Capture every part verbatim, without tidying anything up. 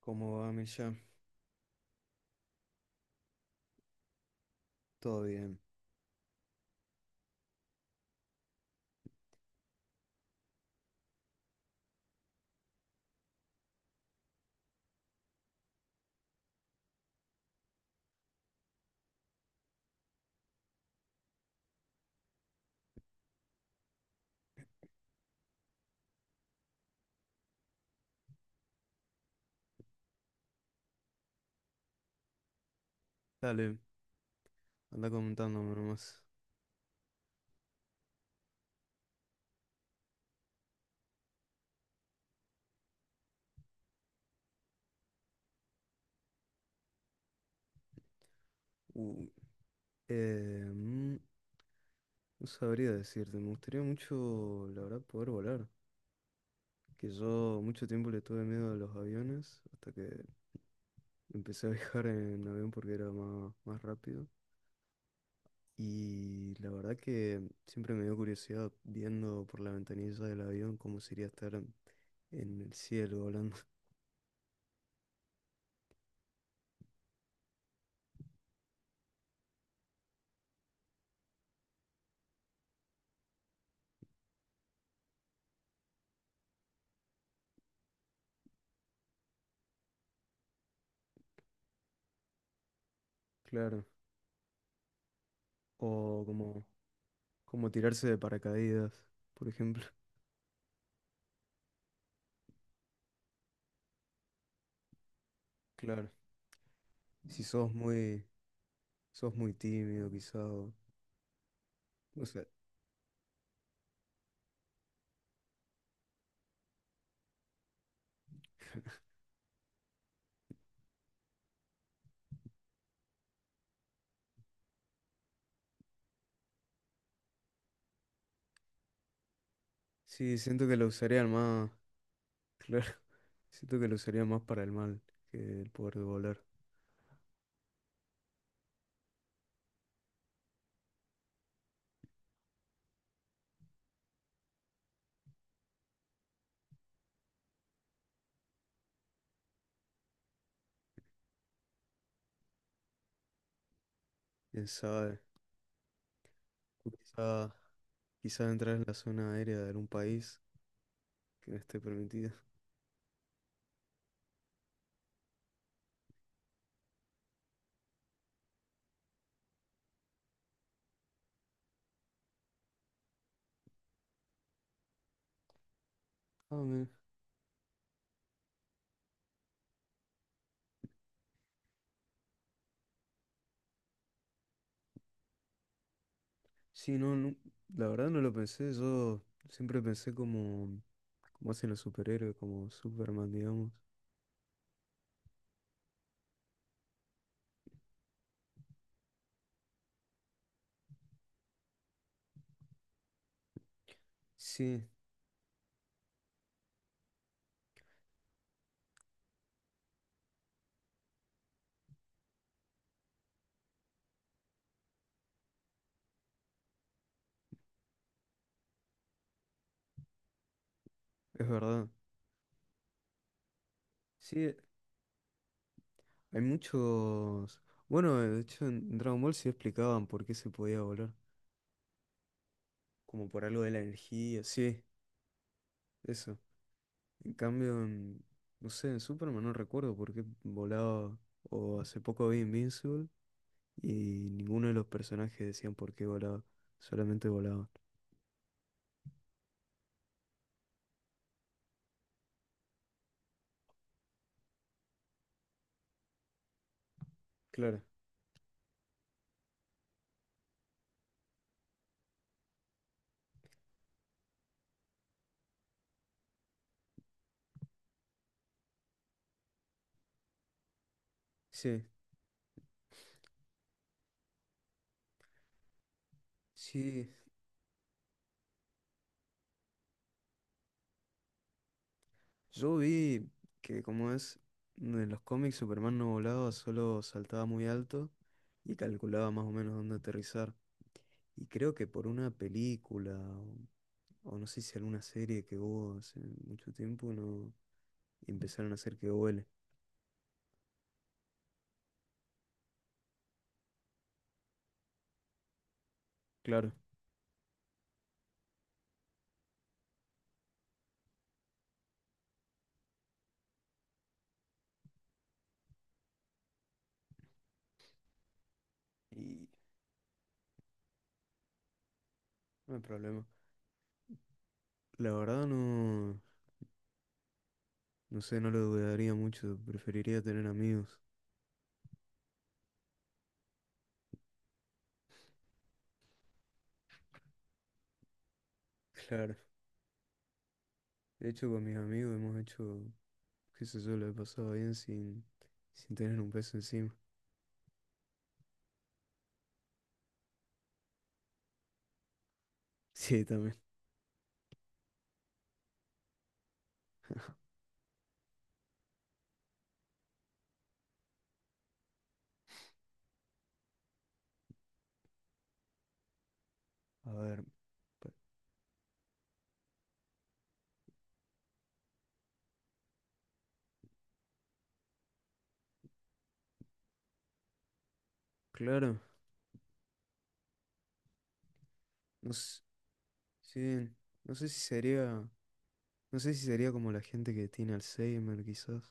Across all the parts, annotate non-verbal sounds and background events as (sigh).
¿Cómo va, Mircha? Todo bien. Dale, anda comentándome nomás. Uh, eh, mm, no sabría decirte, me gustaría mucho, la verdad, poder volar. Que yo mucho tiempo le tuve miedo a los aviones, hasta que empecé a (laughs) viajar en avión porque era más, más rápido. Y la verdad que siempre me dio curiosidad viendo por la ventanilla del avión cómo sería estar en en el cielo volando. (laughs) Claro. O como como tirarse de paracaídas, por ejemplo. Claro, si sos muy, sos muy tímido, quizá. O o sea, sí, siento que lo usarían más, claro, (laughs) siento que lo usarían más para el mal que el poder de volar. Quién sabe. O quizá, quizá entrar en la zona aérea de algún país que no esté permitida. Ah, mira. Sí, no, no, la verdad no lo pensé, yo siempre pensé como, como hacen los superhéroes, como Superman, digamos. Sí, es verdad. Sí. Hay muchos... Bueno, de hecho en Dragon Ball sí explicaban por qué se podía volar. Como por algo de la energía, sí, eso. En cambio, en- no sé, en Superman no recuerdo por qué volaba. O hace poco vi Invincible y ninguno de los personajes decían por qué volaba. Solamente volaban. Claro, sí. Sí, yo vi que como es, en los cómics Superman no volaba, solo saltaba muy alto y calculaba más o menos dónde aterrizar. Y creo que por una película o, o no sé si alguna serie que hubo hace mucho tiempo, no empezaron a hacer que huele. Claro. Y no hay problema. La verdad no, no sé, no lo dudaría mucho. Preferiría tener amigos. (laughs) Claro. De hecho, con mis amigos hemos hecho, qué sé yo, lo he pasado bien sin, sin tener un peso encima. (laughs) Sí, también. A ver, pa- claro. No sé, sí, no sé si sería, no sé si sería como la gente que tiene Alzheimer, quizás.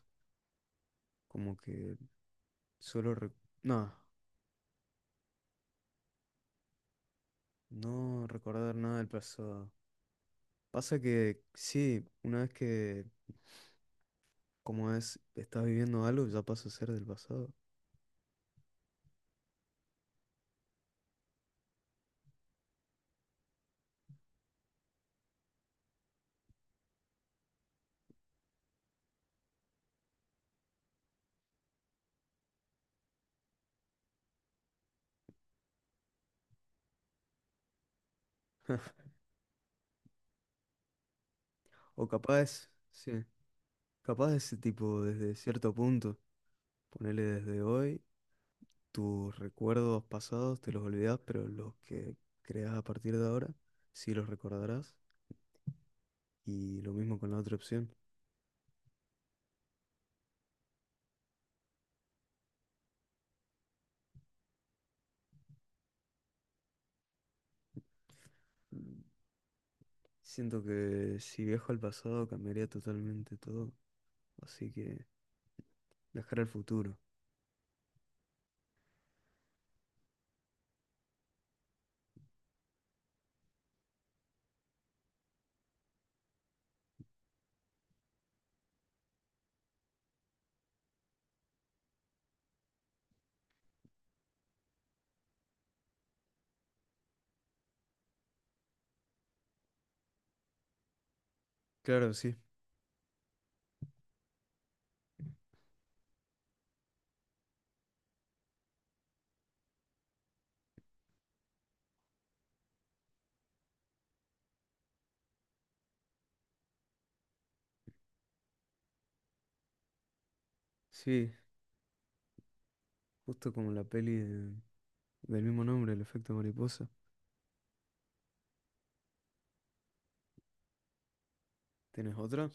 Como que solo... rec- No, no recordar nada del pasado. Pasa que sí, una vez que, como es, estás viviendo algo, ya pasa a ser del pasado. (laughs) O capaz, sí, capaz ese tipo desde cierto punto. Ponele desde hoy, tus recuerdos pasados te los olvidás, pero los que creas a partir de ahora, sí los recordarás. Y lo mismo con la otra opción. Mm, Siento que si viajo al pasado cambiaría totalmente todo. Así que viajar al futuro. Claro, sí. Sí, justo como la peli de- del mismo nombre, El efecto mariposa. ¿Tienes otra?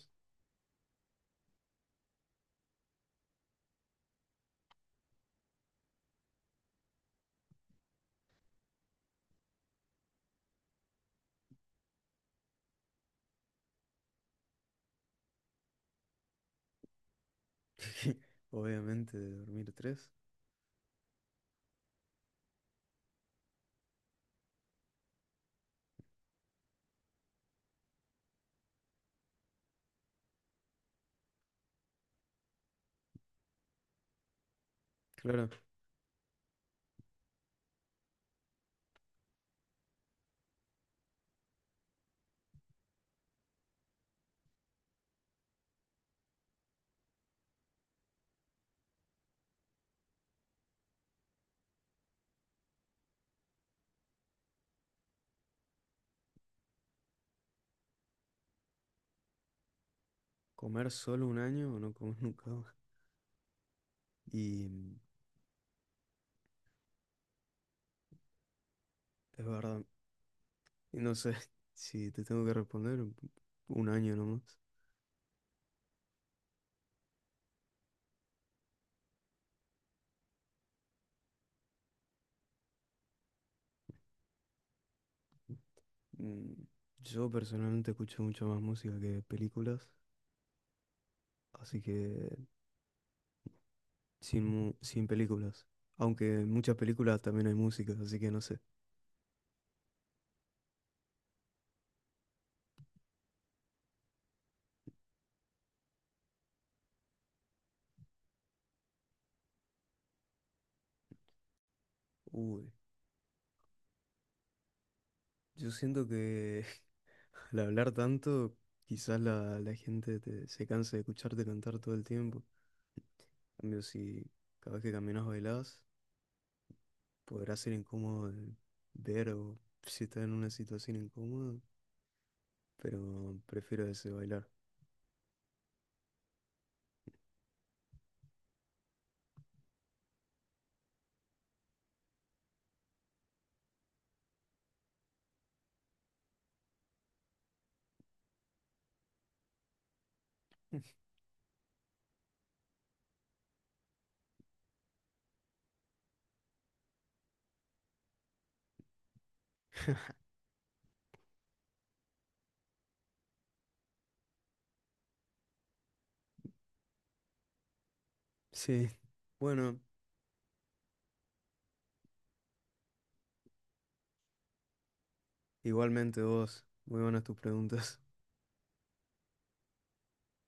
(laughs) Obviamente, de dormir tres. Claro, comer solo un año o no comer (laughs) nunca más. Y mm, es verdad. Y no sé (laughs) si te tengo que responder un año nomás. Mm, Yo personalmente escucho mucho más música que películas, así que sin, mu- sin películas. Aunque en muchas películas también hay música, así que no sé. Uy, yo siento que al hablar tanto, quizás la, la gente te- se canse de escucharte cantar todo el tiempo. En cambio, si cada vez que caminas bailás, podrá ser incómodo de ver o si estás en una situación incómoda, pero prefiero ese bailar. (laughs) Sí, bueno, igualmente vos, muy buenas tus preguntas.